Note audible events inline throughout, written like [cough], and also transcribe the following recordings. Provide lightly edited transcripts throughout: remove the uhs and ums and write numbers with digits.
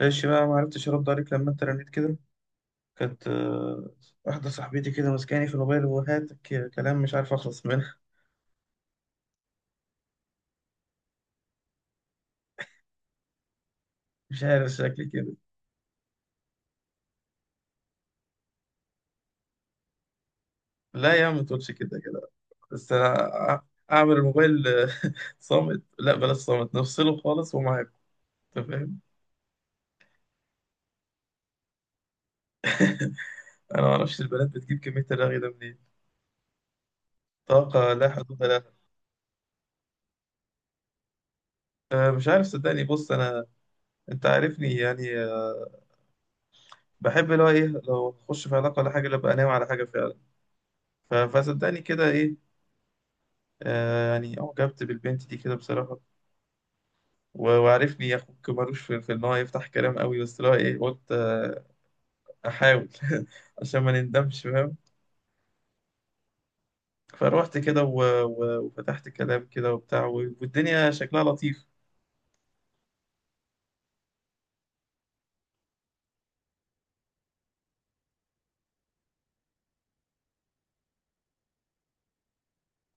ماشي بقى، ما عرفتش ارد عليك لما انت رنيت كده. كانت واحده صاحبتي كده ماسكاني في الموبايل وهات كلام، مش عارف اخلص منها. [laughs] مش عارف شكلي كده. لا يا عم، ما تقولش كده كده. بس انا أع- اعمل الموبايل [laughs] صامت. لا بلاش صامت، نفصله خالص ومعاك انت، فاهم. انا ما اعرفش البنات بتجيب كميه الرغي ده منين، طاقه لا حدود لها. مش عارف، صدقني بص انا، انت عارفني يعني، بحب اللي هو ايه، لو اخش في علاقه ولا حاجه لا ابقى ناوي على حاجه فعلا. فصدقني كده ايه، آه يعني أعجبت بالبنت دي كده بصراحة. وعارفني يا أخوك ملوش في إن هو يفتح كلام قوي، بس اللي هو إيه، قلت آه أحاول [laughs] عشان ما نندمش، فاهم. فروحت كده وفتحت كلام كده وبتاع، و... والدنيا شكلها لطيف.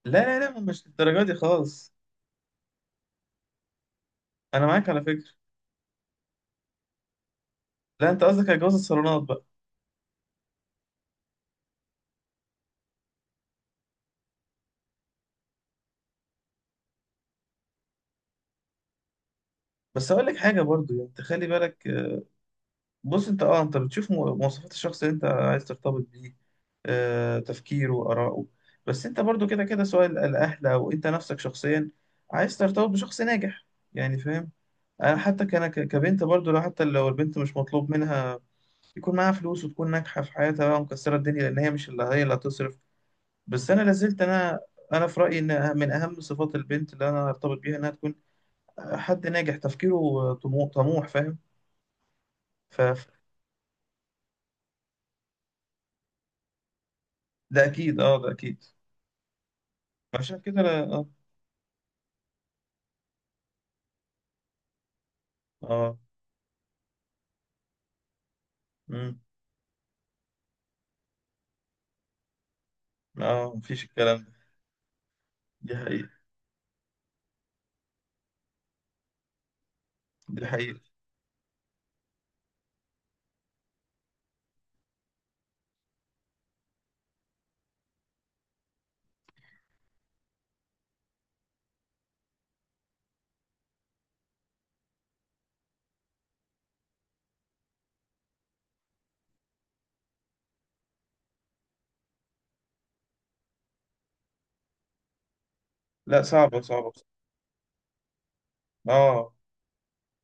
لا لا، مش للدرجة دي خالص. أنا معاك على فكرة. لا أنت قصدك على جواز الصالونات بقى. بس أقول لك حاجة برضو، يعني أنت خلي بالك. بص انت اه، انت بتشوف مواصفات الشخص اللي انت عايز ترتبط بيه، تفكيره، آراءه. بس انت برضو كده كده، سواء الاهل او انت نفسك شخصيا، عايز ترتبط بشخص ناجح، يعني فاهم. انا حتى كان كبنت برضو، لو حتى لو البنت مش مطلوب منها يكون معاها فلوس، وتكون ناجحة في حياتها بقى ومكسرة الدنيا، لان هي مش اللي هتصرف. بس انا لازلت انا، انا في رايي ان من اهم صفات البنت اللي انا ارتبط بيها انها تكون حد ناجح، تفكيره طموح، طموح فاهم. ف ف- ده اكيد، اه ده اكيد. عشان كده انا اه، اه. مم. اه، مفيش الكلام ده. دي حقيقة. دي حقيقة. لا صعبة، صعبة بصراحة. اه،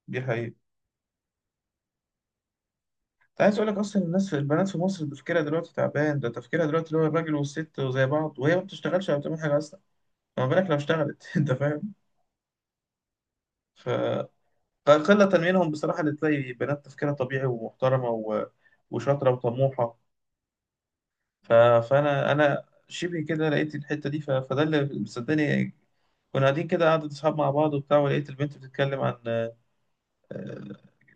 دي حقيقة. انت عايز اقول لك، اصلا الناس البنات في مصر تفكيرها دلوقتي تعبان. ده تفكيرها دلوقتي اللي هو الراجل والست وزي بعض، وهي ما بتشتغلش ولا بتعمل حاجة اصلا، ما بالك لو اشتغلت. [laughs] انت فاهم. ف قلة منهم بصراحة اللي تلاقي بنات تفكيرها طبيعي ومحترمة و... وشاطرة وطموحة. ف... فانا شبه كده لقيت الحته دي، ف... فده اللي، صدقني، كنا قاعدين كده قعدة اصحاب مع بعض وبتاع، ولقيت البنت بتتكلم عن،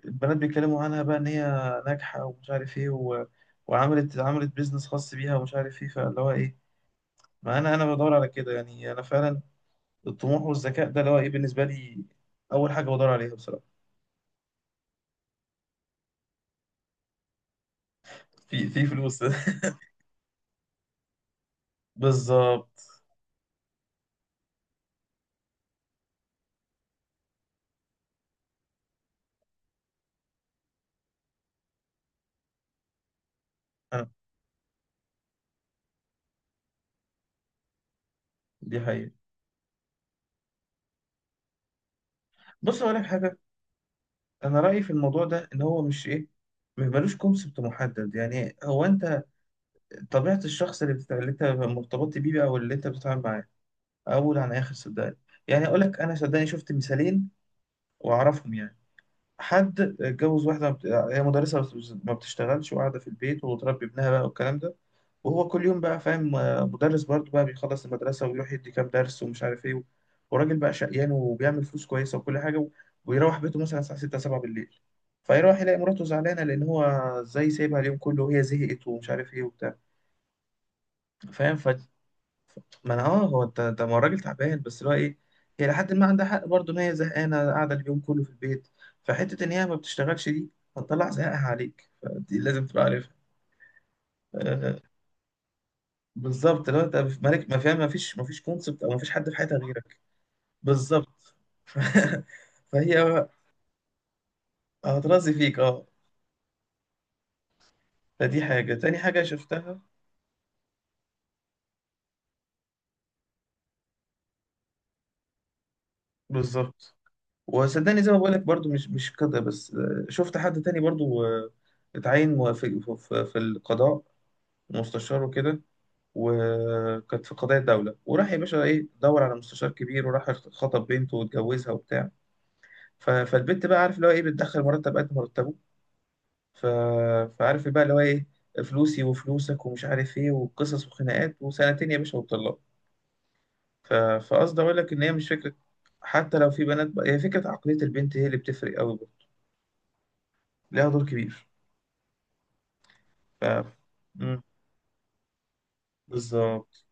البنات بيتكلموا عنها بقى ان هي ناجحه ومش عارف ايه و... وعملت بيزنس خاص بيها ومش عارف ايه، فاللي هو ايه، ما انا بدور على كده، يعني انا فعلا الطموح والذكاء ده اللي هو ايه بالنسبه لي اول حاجه بدور عليها بصراحه. في في فلوس. [laughs] بالظبط. أنا-. دي حقيقة. بص أقول لك حاجة، انا رايي في الموضوع ده ان هو مش ايه، مش ملوش كونسبت محدد، يعني هو انت، طبيعه الشخص اللي انت مرتبط بيه بقى او اللي انت بتتعامل معاه اول عن اخر، صدقني. يعني اقول لك، انا صدقني شفت مثالين واعرفهم يعني. حد اتجوز واحده، ما بت- هي مدرسه، ما بتشتغلش وقاعده في البيت وتربي ابنها بقى والكلام ده. وهو كل يوم بقى فاهم مدرس برضه بقى، بيخلص المدرسة ويروح يدي كام درس ومش عارف ايه، وراجل بقى شقيان وبيعمل فلوس كويسة وكل حاجة ويروح بيته مثلا الساعة 6 7 بالليل، فيروح يلاقي مراته زعلانة، لأن هو ازاي سايبها اليوم كله، وهي زهقت ومش عارف ايه وبتاع. فاهم ف، ما انا اه، هو انت ده ما هو الراجل تعبان، بس اللي هو ايه، هي لحد ما عندها حق برضه ان هي زهقانة قاعدة اليوم كله في البيت، فحتة ان هي ما بتشتغلش دي هتطلع زهقها عليك، فدي لازم تبقى عارفها. بالظبط، لو انت في مالك، ما فيها، ما فيش كونسبت او ما فيش حد في حياتها غيرك. بالظبط. [laughs] فهي هترازي فيك، اه. فدي حاجه، تاني حاجه شفتها، بالظبط. وصدقني زي ما بقول لك برضو، مش كده بس، شفت حد تاني برضو اتعين في في القضاء، مستشار وكده. وكانت في قضايا الدوله، وراح يا باشا ايه دور على مستشار كبير وراح خطب بنته واتجوزها وبتاع. فالبنت بقى عارف اللي هو ايه، بتدخل مرتب قد مرتبه، ف... فعارف بقى اللي هو ايه، فلوسي وفلوسك ومش عارف ايه وقصص وخناقات وسنتين يا باشا وطلاق. ف... فقصدي اقول لك، ان هي مش فكره حتى لو في بنات بقى، هي فكره عقليه البنت هي اللي بتفرق قوي برضه، ليها دور كبير. ف مم. بالظبط.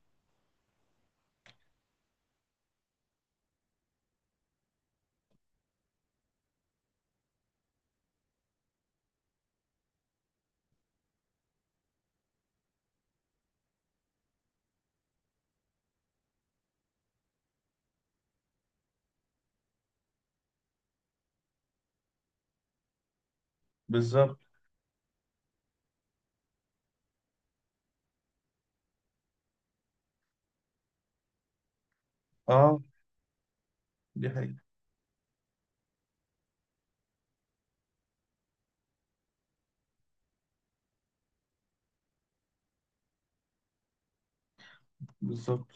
بالظبط. اه دي حقيقة. بالظبط.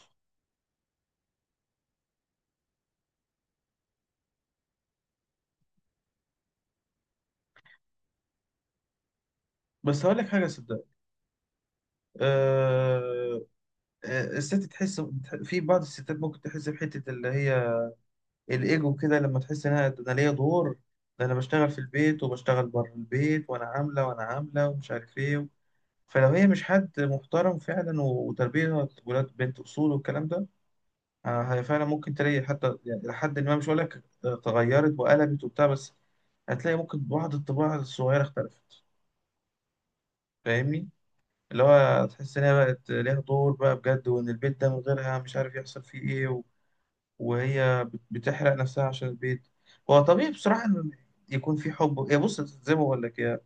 بس هقول لك حاجه صدق، آه... الست تحس، في بعض الستات ممكن تحس بحته اللي هي الايجو كده، لما تحس ان انا، ده انا ليا دور، ده انا بشتغل في البيت وبشتغل بره البيت، وانا عامله وانا عامله ومش عارف ايه. فلو هي مش حد محترم فعلا وتربيه ولاد بنت اصول والكلام ده، هي فعلا ممكن تلاقي، حتى يعني لحد ما، مش هقول لك تغيرت وقلبت وبتاع، بس هتلاقي ممكن بعض الطباع الصغيره اختلفت. فاهمني، اللي هو تحس ان هي بقت ليها دور بقى بجد، وان البيت ده من غيرها مش عارف يحصل فيه ايه، وهي بتحرق نفسها عشان البيت. هو طبيعي بصراحة إن يكون في حب. يا بص زي ما بقول لك، يا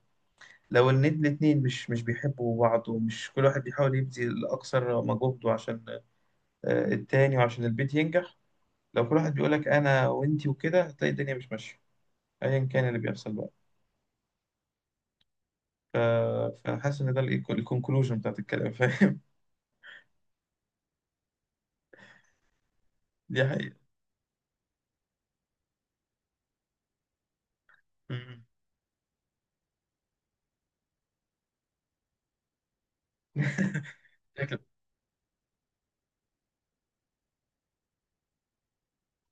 لو إن الاتنين مش بيحبوا بعض، ومش كل واحد بيحاول يبذل أقصى مجهوده عشان التاني وعشان البيت ينجح، لو كل واحد بيقول لك أنا وأنتي وكده، هتلاقي الدنيا مش ماشية، أيا كان اللي بيحصل بقى. ف- فأنا حاسس إن ده الكونكلوجن بتاعت الكلام، فاهم. [laughs] دي حقيقة. مم. [laughs]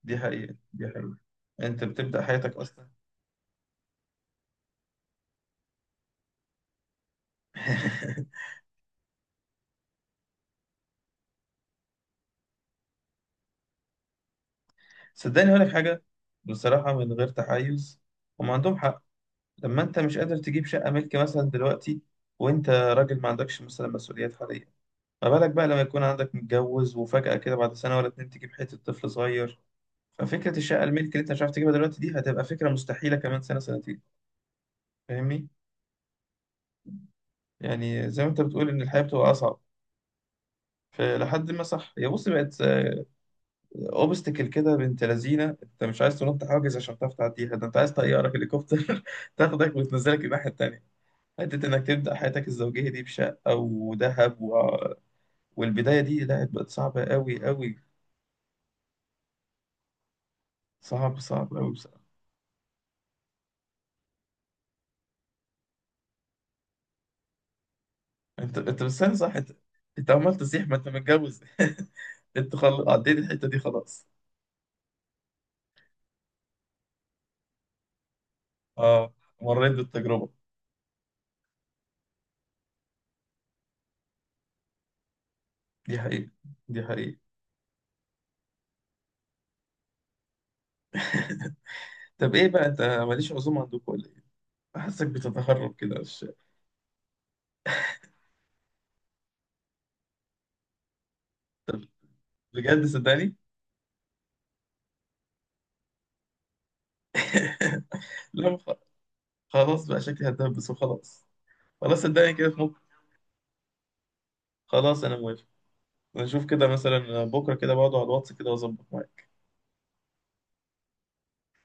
دي حقيقة. دي حقيقة، أنت بتبدأ حياتك أصلا. [laughs] صدقني هقول لك حاجة، بصراحة من غير تحيز، هم عندهم حق. لما أنت مش قادر تجيب شقة ملك مثلا دلوقتي، وأنت راجل ما عندكش مثلا مسؤوليات حالية، ما بالك بقى لما يكون عندك متجوز وفجأة كده بعد سنة ولا اتنين تجيب حتة طفل صغير. ففكرة الشقة الملك اللي أنت مش عارف تجيبها دلوقتي دي هتبقى فكرة مستحيلة كمان سنة سنتين، فاهمني؟ يعني زي ما أنت بتقول إن الحياة بتبقى أصعب، فلحد ما صح، هي بص بقت اوبستكل كده، بنت لذينه، انت مش عايز تنط حاجز عشان تعرف تعديها، ده انت عايز طياره هليكوبتر [laughs] تاخدك وتنزلك الناحيه التانيه. حتة إنك تبدأ حياتك الزوجية دي بشقة وذهب و... والبداية دي، لا بقت صعبة أوي أوي. صعب صعب أوي بصراحة. أنت أنت بس، أنا صح، أنت أنت عمال تصيح ما أنت متجوز. [laughs] أنت عديت الحتة دي خلاص. أه مريت بالتجربة. دي حقيقة، دي حقيقة. طب إيه بقى، أنت ماليش عزومة عندكم ولا إيه؟ بحسك بتتهرب كده، مش بجد، صدقني. [laughs] لا خلاص بقى شكلي هتدبس وخلاص. خلاص صدقني كده في مخ، خلاص أنا موافق. نشوف كده مثلا بكرة كده بقعد على الواتس كده وأظبط معاك.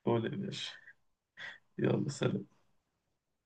قول لي يا باشا. يلا سلام.